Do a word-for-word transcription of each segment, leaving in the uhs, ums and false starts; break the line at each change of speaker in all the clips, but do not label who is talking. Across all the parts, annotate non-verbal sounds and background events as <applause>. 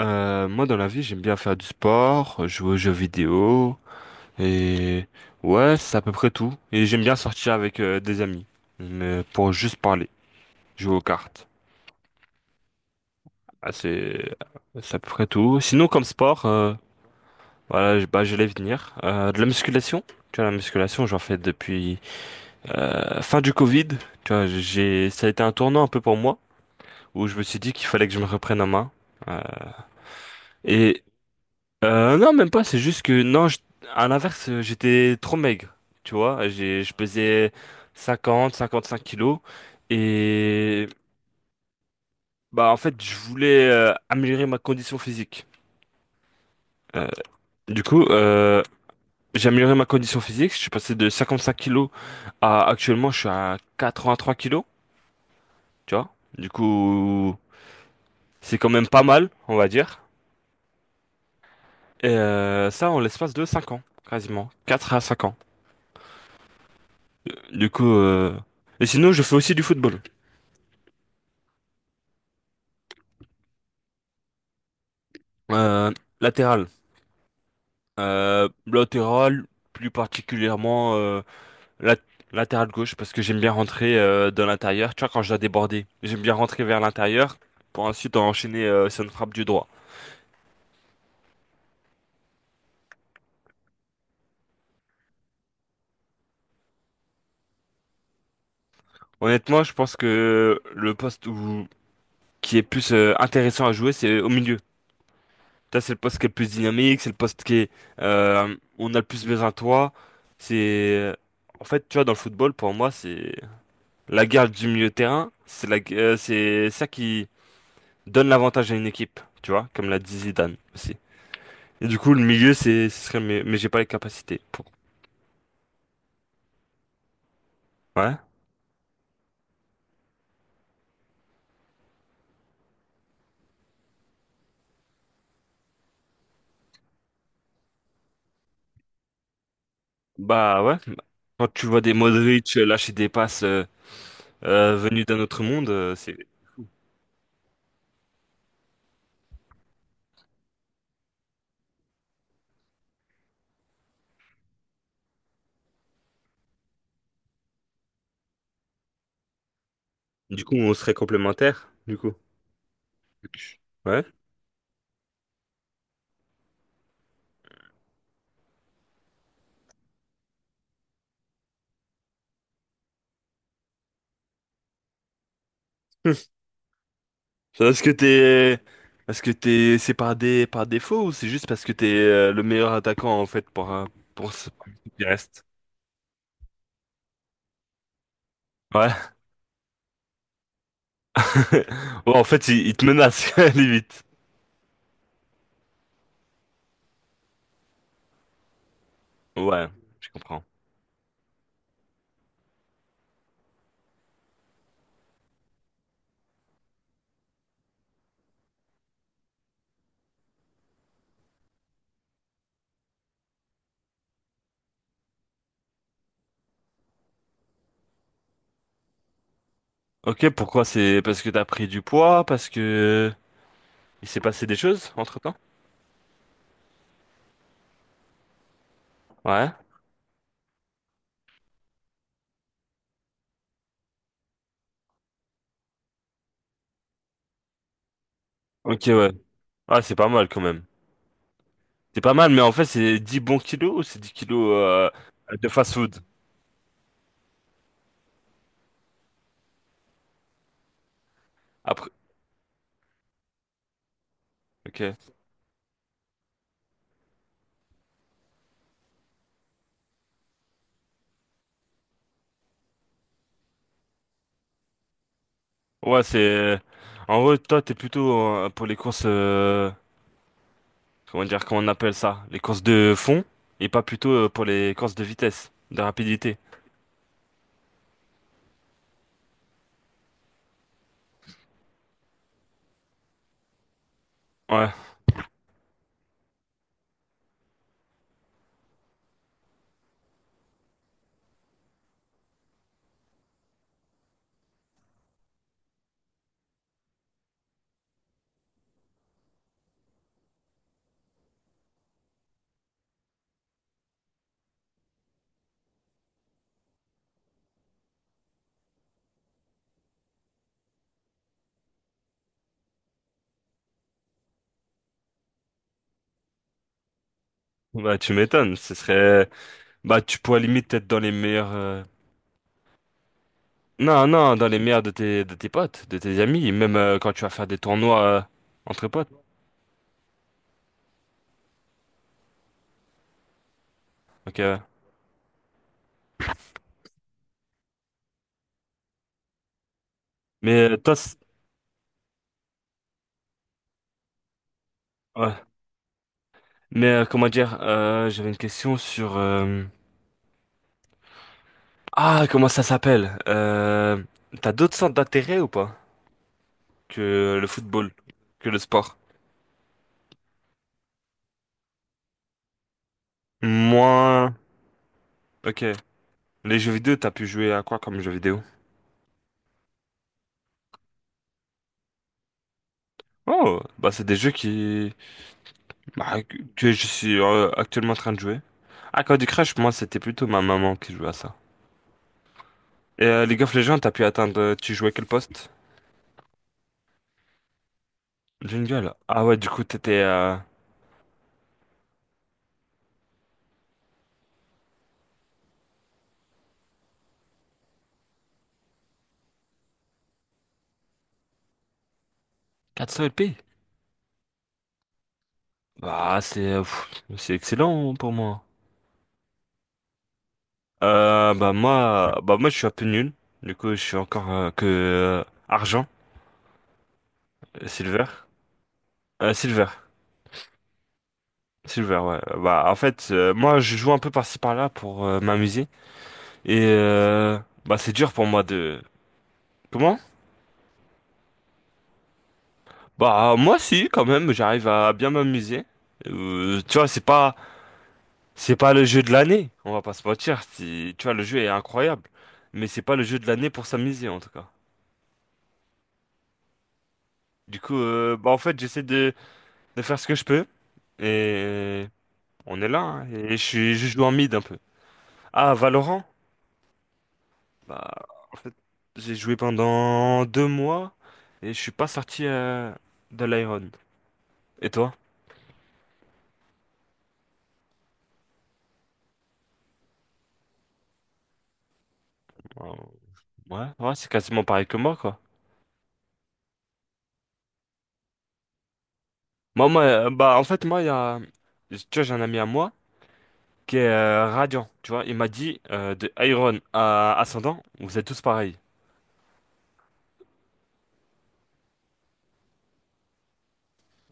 Euh, moi, dans la vie, j'aime bien faire du sport, jouer aux jeux vidéo, et ouais, c'est à peu près tout. Et j'aime bien sortir avec euh, des amis, mais pour juste parler, jouer aux cartes. Ah, c'est c'est à peu près tout. Sinon, comme sport, euh, voilà, je- bah, j'allais venir. Euh, de la musculation. Tu vois, la musculation, j'en fais depuis euh, fin du Covid. Tu vois, j'ai ça a été un tournant un peu pour moi, où je me suis dit qu'il fallait que je me reprenne en main. Euh, et Euh, non, même pas, c'est juste que, non, je- à l'inverse, euh, j'étais trop maigre. Tu vois, j'ai, je pesais cinquante, cinquante-cinq kilos, et bah en fait, je voulais euh, améliorer ma condition physique. Euh, du coup, euh, j'ai amélioré ma condition physique, je suis passé de cinquante-cinq kilos à, actuellement, je suis à quatre-vingt-trois kilos. Tu vois, du coup, c'est quand même pas mal, on va dire, et euh, ça en l'espace de cinq ans, quasiment, quatre à cinq ans. Du coup, euh, et sinon, je fais aussi du football. Euh, Latéral. Euh, latéral, plus particulièrement euh, lat- latéral gauche, parce que j'aime bien rentrer euh, dans l'intérieur. Tu vois, quand je dois déborder, j'aime bien rentrer vers l'intérieur pour ensuite enchaîner euh, sur une frappe du droit. Honnêtement, je pense que le poste où, qui est plus euh, intéressant à jouer, c'est au milieu. Ça, c'est le poste qui est le plus dynamique, c'est le poste qui est, euh, où on a le plus besoin de toi. C'est, euh, En fait, tu vois, dans le football, pour moi, c'est la guerre du milieu de terrain. C'est la, gu- euh, c'est ça qui donne l'avantage à une équipe, tu vois, comme l'a dit Zidane aussi. Et du coup, le milieu, c'est, ce serait mieux, mais j'ai pas les capacités pour. Ouais. Bah ouais. Quand tu vois des Modric euh, lâcher des passes euh, euh, venues d'un autre monde, euh, c'est. Du coup, on serait complémentaires, du coup. Ouais. Hmm. Est-ce que t'es, est-ce que t'es, c'est par des, par défaut ou c'est juste parce que t'es euh, le meilleur attaquant en fait pour euh, pour ce qui reste? Ouais. <laughs> Ouais, en fait, il, il te menace <laughs> limite. Ouais, je comprends. Ok, pourquoi c'est parce que t'as pris du poids, parce que il s'est passé des choses entre-temps? Ouais. Ok, ouais. Ah, c'est pas mal quand même. C'est pas mal, mais en fait, c'est dix bons kilos ou c'est dix kilos euh, de fast-food? Après. Ok. Ouais, c'est. En gros, toi, t'es plutôt euh, pour les courses. euh, Comment dire, comment on appelle ça? Les courses de fond et pas plutôt euh, pour les courses de vitesse, de rapidité. Ouais. Bah, tu m'étonnes. Ce serait. Bah, tu pourrais limite être dans les meilleurs. euh, Non, non, dans les mers de tes, de tes potes, de tes amis, même euh, quand tu vas faire des tournois euh, entre potes. Ok, ouais. Mais euh, toi, c'est- ouais. Mais euh, comment dire, euh, j'avais une question sur... euh, Ah, comment ça s'appelle? Euh... T'as d'autres centres d'intérêt ou pas que le football, que le sport? Moins... Ok. Les jeux vidéo, t'as pu jouer à quoi comme jeux vidéo? Oh, bah c'est des jeux qui... bah, que que je suis euh, actuellement en train de jouer. Ah, Candy Crush, moi, c'était plutôt ma maman qui jouait à ça. Et euh, League of Legends, t'as pu atteindre. euh, Tu jouais quel poste? Jungle. Ah ouais, du coup, t'étais euh, quatre cents p. Bah, c'est euh, pff, c'est excellent pour moi. Euh, bah moi, bah moi, je suis un peu nul. Du coup, je suis encore euh, que euh, argent. Euh, silver, Euh, silver, silver. Ouais. Bah en fait, euh, moi, je joue un peu par-ci par-là pour euh, m'amuser. Et euh, bah c'est dur pour moi de. Comment? Bah moi, si, quand même, j'arrive à bien m'amuser. Euh, tu vois, c'est pas C'est pas le jeu de l'année, on va pas se mentir. c'est- Tu vois, le jeu est incroyable, mais c'est pas le jeu de l'année pour s'amuser en tout cas. Du coup, euh, bah en fait, j'essaie de, de faire ce que je peux et on est là. hein, et je suis, je joue en mid un peu. Ah, Valorant? Bah, en fait, j'ai joué pendant deux mois et je suis pas sorti euh, de l'Iron. Et toi? Euh, Ouais, ouais, c'est quasiment pareil que moi quoi. Moi, moi, euh, bah en fait, moi, il y a, tu vois, j'ai un ami à moi. Qui est euh, radiant, tu vois. Il m'a dit euh, de Iron à Ascendant, vous êtes tous pareils.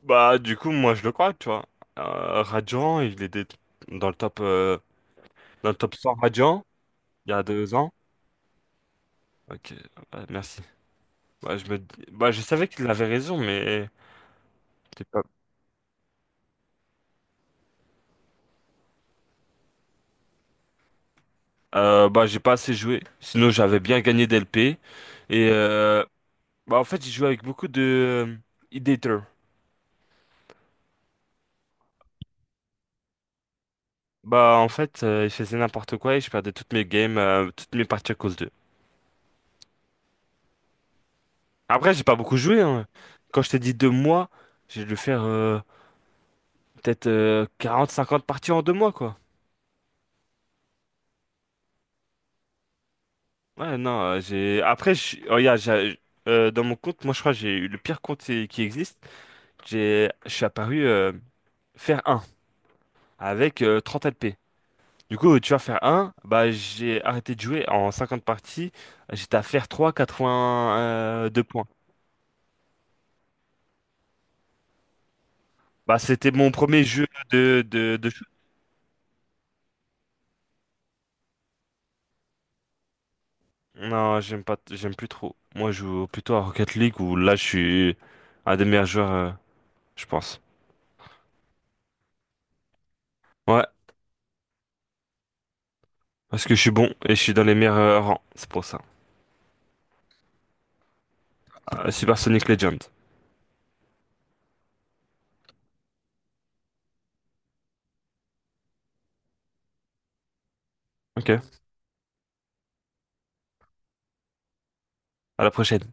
Bah du coup moi je le crois, tu vois. Euh, radiant, il était dans le top euh, dans le top cent radiant il y a deux ans. Ok, bah, merci. Bah je me dis- bah je savais qu'il avait raison, mais c'est pas. Euh, bah j'ai pas assez joué. Sinon j'avais bien gagné d'L P et euh, bah en fait j'ai joué avec beaucoup de euh, Ideator. Bah en fait euh, il faisait n'importe quoi et je perdais toutes mes games, euh, toutes mes parties à cause d'eux. Après, j'ai pas beaucoup joué. hein. Quand je t'ai dit deux mois, j'ai dû faire euh, peut-être euh, quarante cinquante parties en deux mois, quoi. Ouais, non, euh, j'ai. Après, je... oh, regarde, j'ai- euh, dans mon compte, moi, je crois que j'ai eu le pire compte qui qui existe. J'ai, je suis apparu euh, faire un avec euh, trente p Du coup, tu vas faire un bah, j'ai arrêté de jouer en cinquante parties. J'étais à faire trois quatre-vingt deux points. Bah, c'était mon premier jeu de, de, de Non, j'aime pas, t- j'aime plus trop. Moi, je joue plutôt à Rocket League où là, je suis un des meilleurs joueurs, euh, je pense. Ouais, parce que je suis bon et je suis dans les meilleurs euh, rangs, c'est pour ça. Euh, Super Sonic Legend. Ok, à la prochaine.